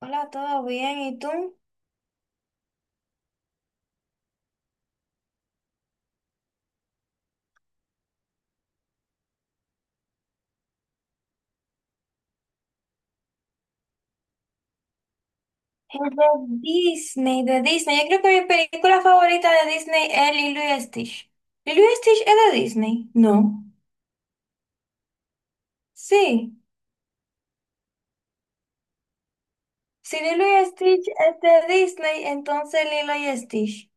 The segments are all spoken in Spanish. Hola, ¿todo bien? ¿Y tú? Es de Disney, de Disney. Yo creo que mi película favorita de Disney es Lilo y Stitch. ¿Lilo y Stitch es de Disney? No. Sí. Si Lilo y Stitch es de Disney, entonces Lilo y Stitch.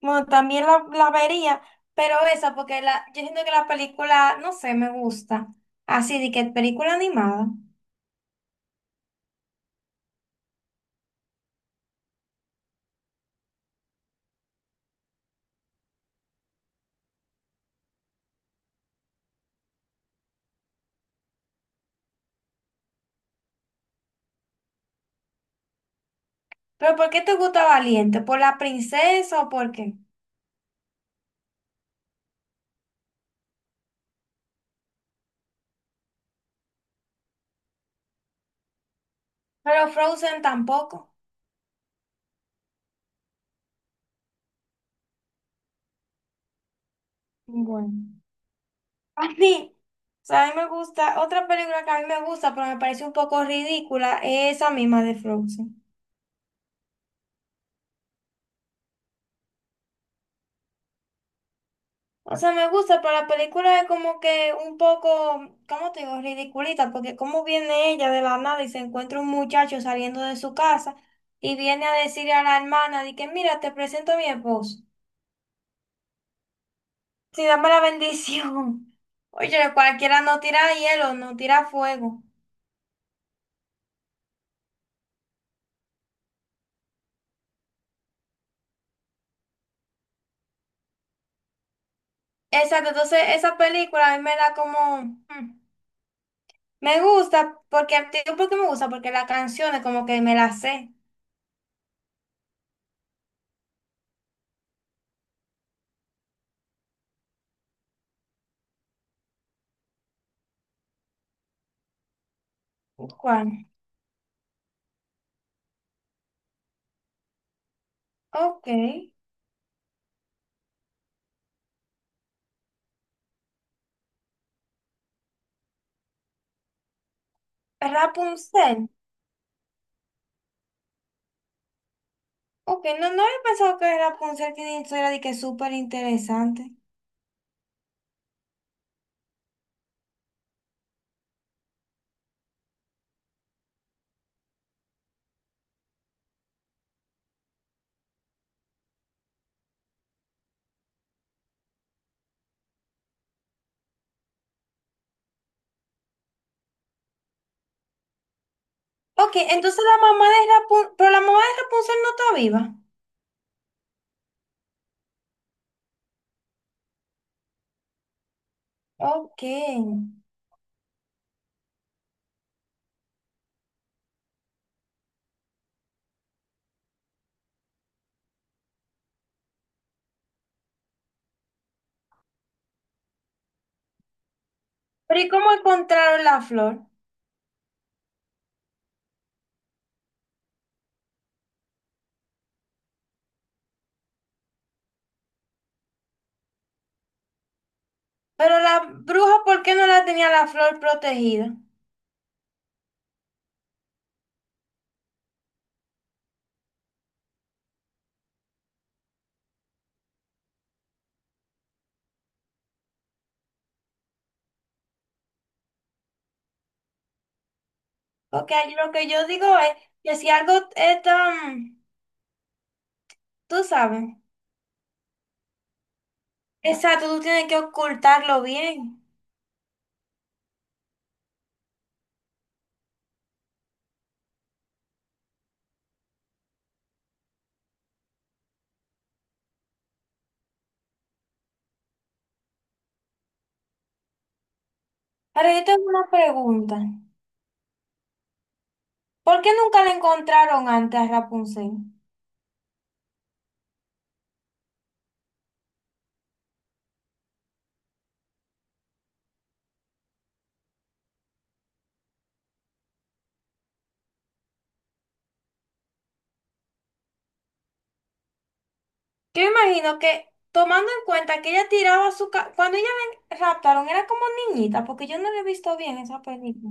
Bueno, también la vería, pero esa, porque la, yo siento que la película, no sé, me gusta. Así de que película animada. ¿Pero por qué te gusta Valiente? ¿Por la princesa o por qué? Pero Frozen tampoco. Bueno. A mí, o sea, a mí me gusta, otra película que a mí me gusta, pero me parece un poco ridícula, es esa misma de Frozen. O sea, me gusta, pero la película es como que un poco, ¿cómo te digo? Ridiculita, porque como viene ella de la nada y se encuentra un muchacho saliendo de su casa y viene a decirle a la hermana de que, mira, te presento a mi esposo. Sí, dame la bendición. Oye, cualquiera no tira hielo, no tira fuego. Exacto, entonces esa película a mí me da como... mm, me gusta porque te digo por qué me gusta, porque las canciones como que me las sé. ¿Cuál? Ok. Rapunzel. Ok, no, no había pensado que Rapunzel que eso era de que súper interesante. Ok, entonces la mamá de Rapunzel, pero la mamá de Rapunzel no está viva. Ok. Pero ¿y cómo encontraron la flor? Pero la bruja, ¿por qué no la tenía la flor protegida? Porque ahí lo que yo digo es que si algo es tan, tú sabes, exacto, tú tienes que ocultarlo bien. Ahora yo tengo una pregunta. ¿Por qué nunca la encontraron antes a Rapunzel? Yo imagino que tomando en cuenta que ella tiraba su... cuando ella la raptaron era como niñita, porque yo no la he visto bien esa película.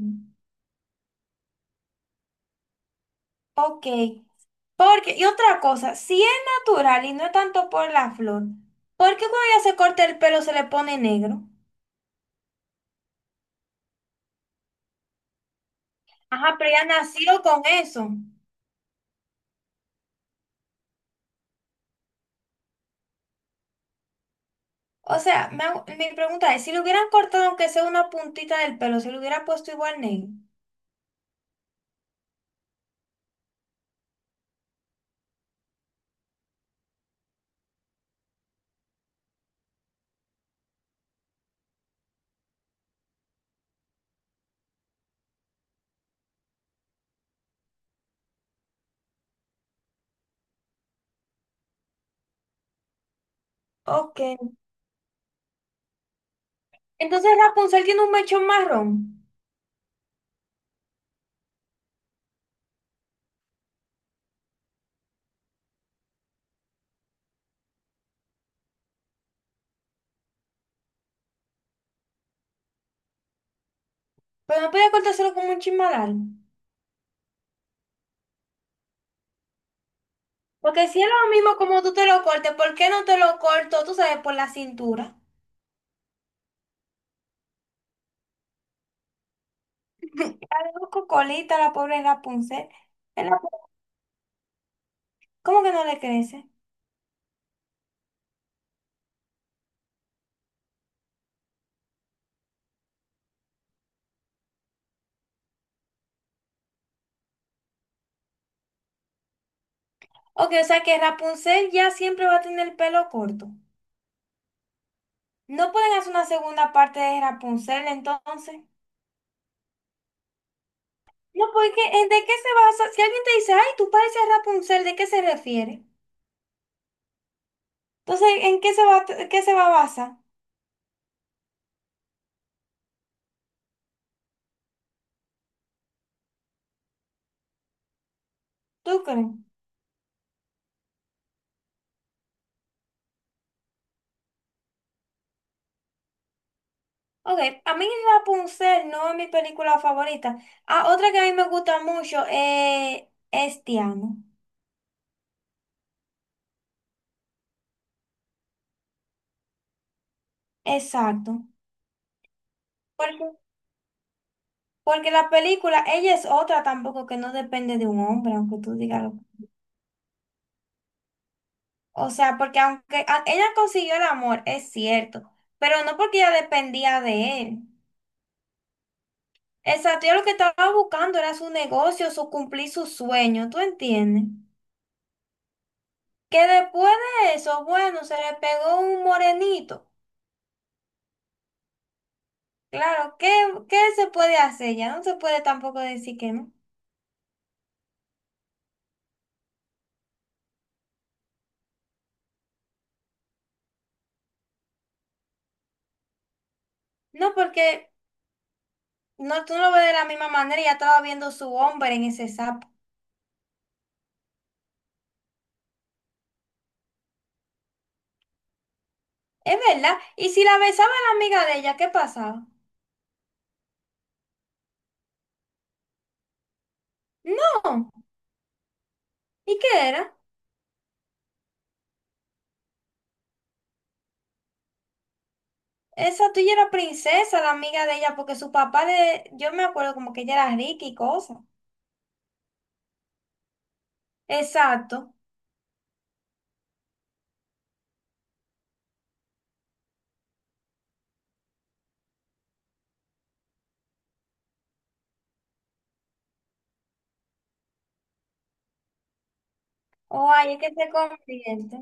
Ok. Porque, y otra cosa, si es natural y no es tanto por la flor, ¿por qué cuando ella se corta el pelo se le pone negro? Ajá, pero ella nació con eso. O sea, mi pregunta es, si le hubieran cortado aunque sea una puntita del pelo, ¿se le hubiera puesto igual negro? Ok. Entonces Rapunzel tiene un mechón marrón, pero no podía cortárselo como un chismadal. Porque si es lo mismo como tú te lo cortes, ¿por qué no te lo corto, tú sabes, por la cintura? La Busco colita, la pobre Rapunzel. El Rapu- ¿Cómo que no le crece? Ok, o sea que Rapunzel ya siempre va a tener el pelo corto. No pueden hacer una segunda parte de Rapunzel entonces. No, porque ¿en ¿de qué se basa? Si alguien te dice, ay, tú pareces Rapunzel, ¿de qué se refiere? Entonces, ¿en qué se va, ¿qué se va a basar? ¿Tú crees? Ok, a mí Rapunzel no es mi película favorita. Ah, otra que a mí me gusta mucho es Tiana. Exacto. Porque, porque la película, ella es otra tampoco que no depende de un hombre, aunque tú digas lo- O sea, porque ella consiguió el amor, es cierto, pero no porque ella dependía de él. Exacto, ella lo que estaba buscando era su negocio, su cumplir su sueño, ¿tú entiendes? Que después de eso, bueno, se le pegó un morenito. Claro, ¿qué, qué se puede hacer? Ya no se puede tampoco decir que no. No, porque no, tú no lo ves de la misma manera y ya estaba viendo su hombre en ese sapo. Es verdad. Y si la besaba la amiga de ella, ¿qué pasaba? No. ¿Y qué era? Esa tuya era princesa, la amiga de ella, porque su papá de, yo me acuerdo como que ella era rica y cosas. Exacto. O ahí es que se convierte.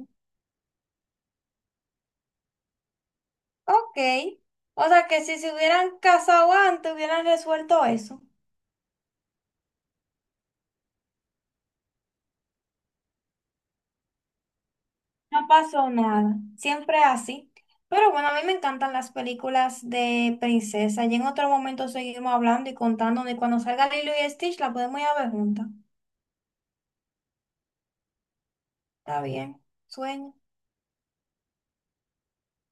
Ok. O sea que si se hubieran casado antes, hubieran resuelto eso. No pasó nada, siempre así. Pero bueno, a mí me encantan las películas de princesa y en otro momento seguimos hablando y contando y cuando salga Lilo y Stitch la podemos ir a ver juntas. Está bien, sueño.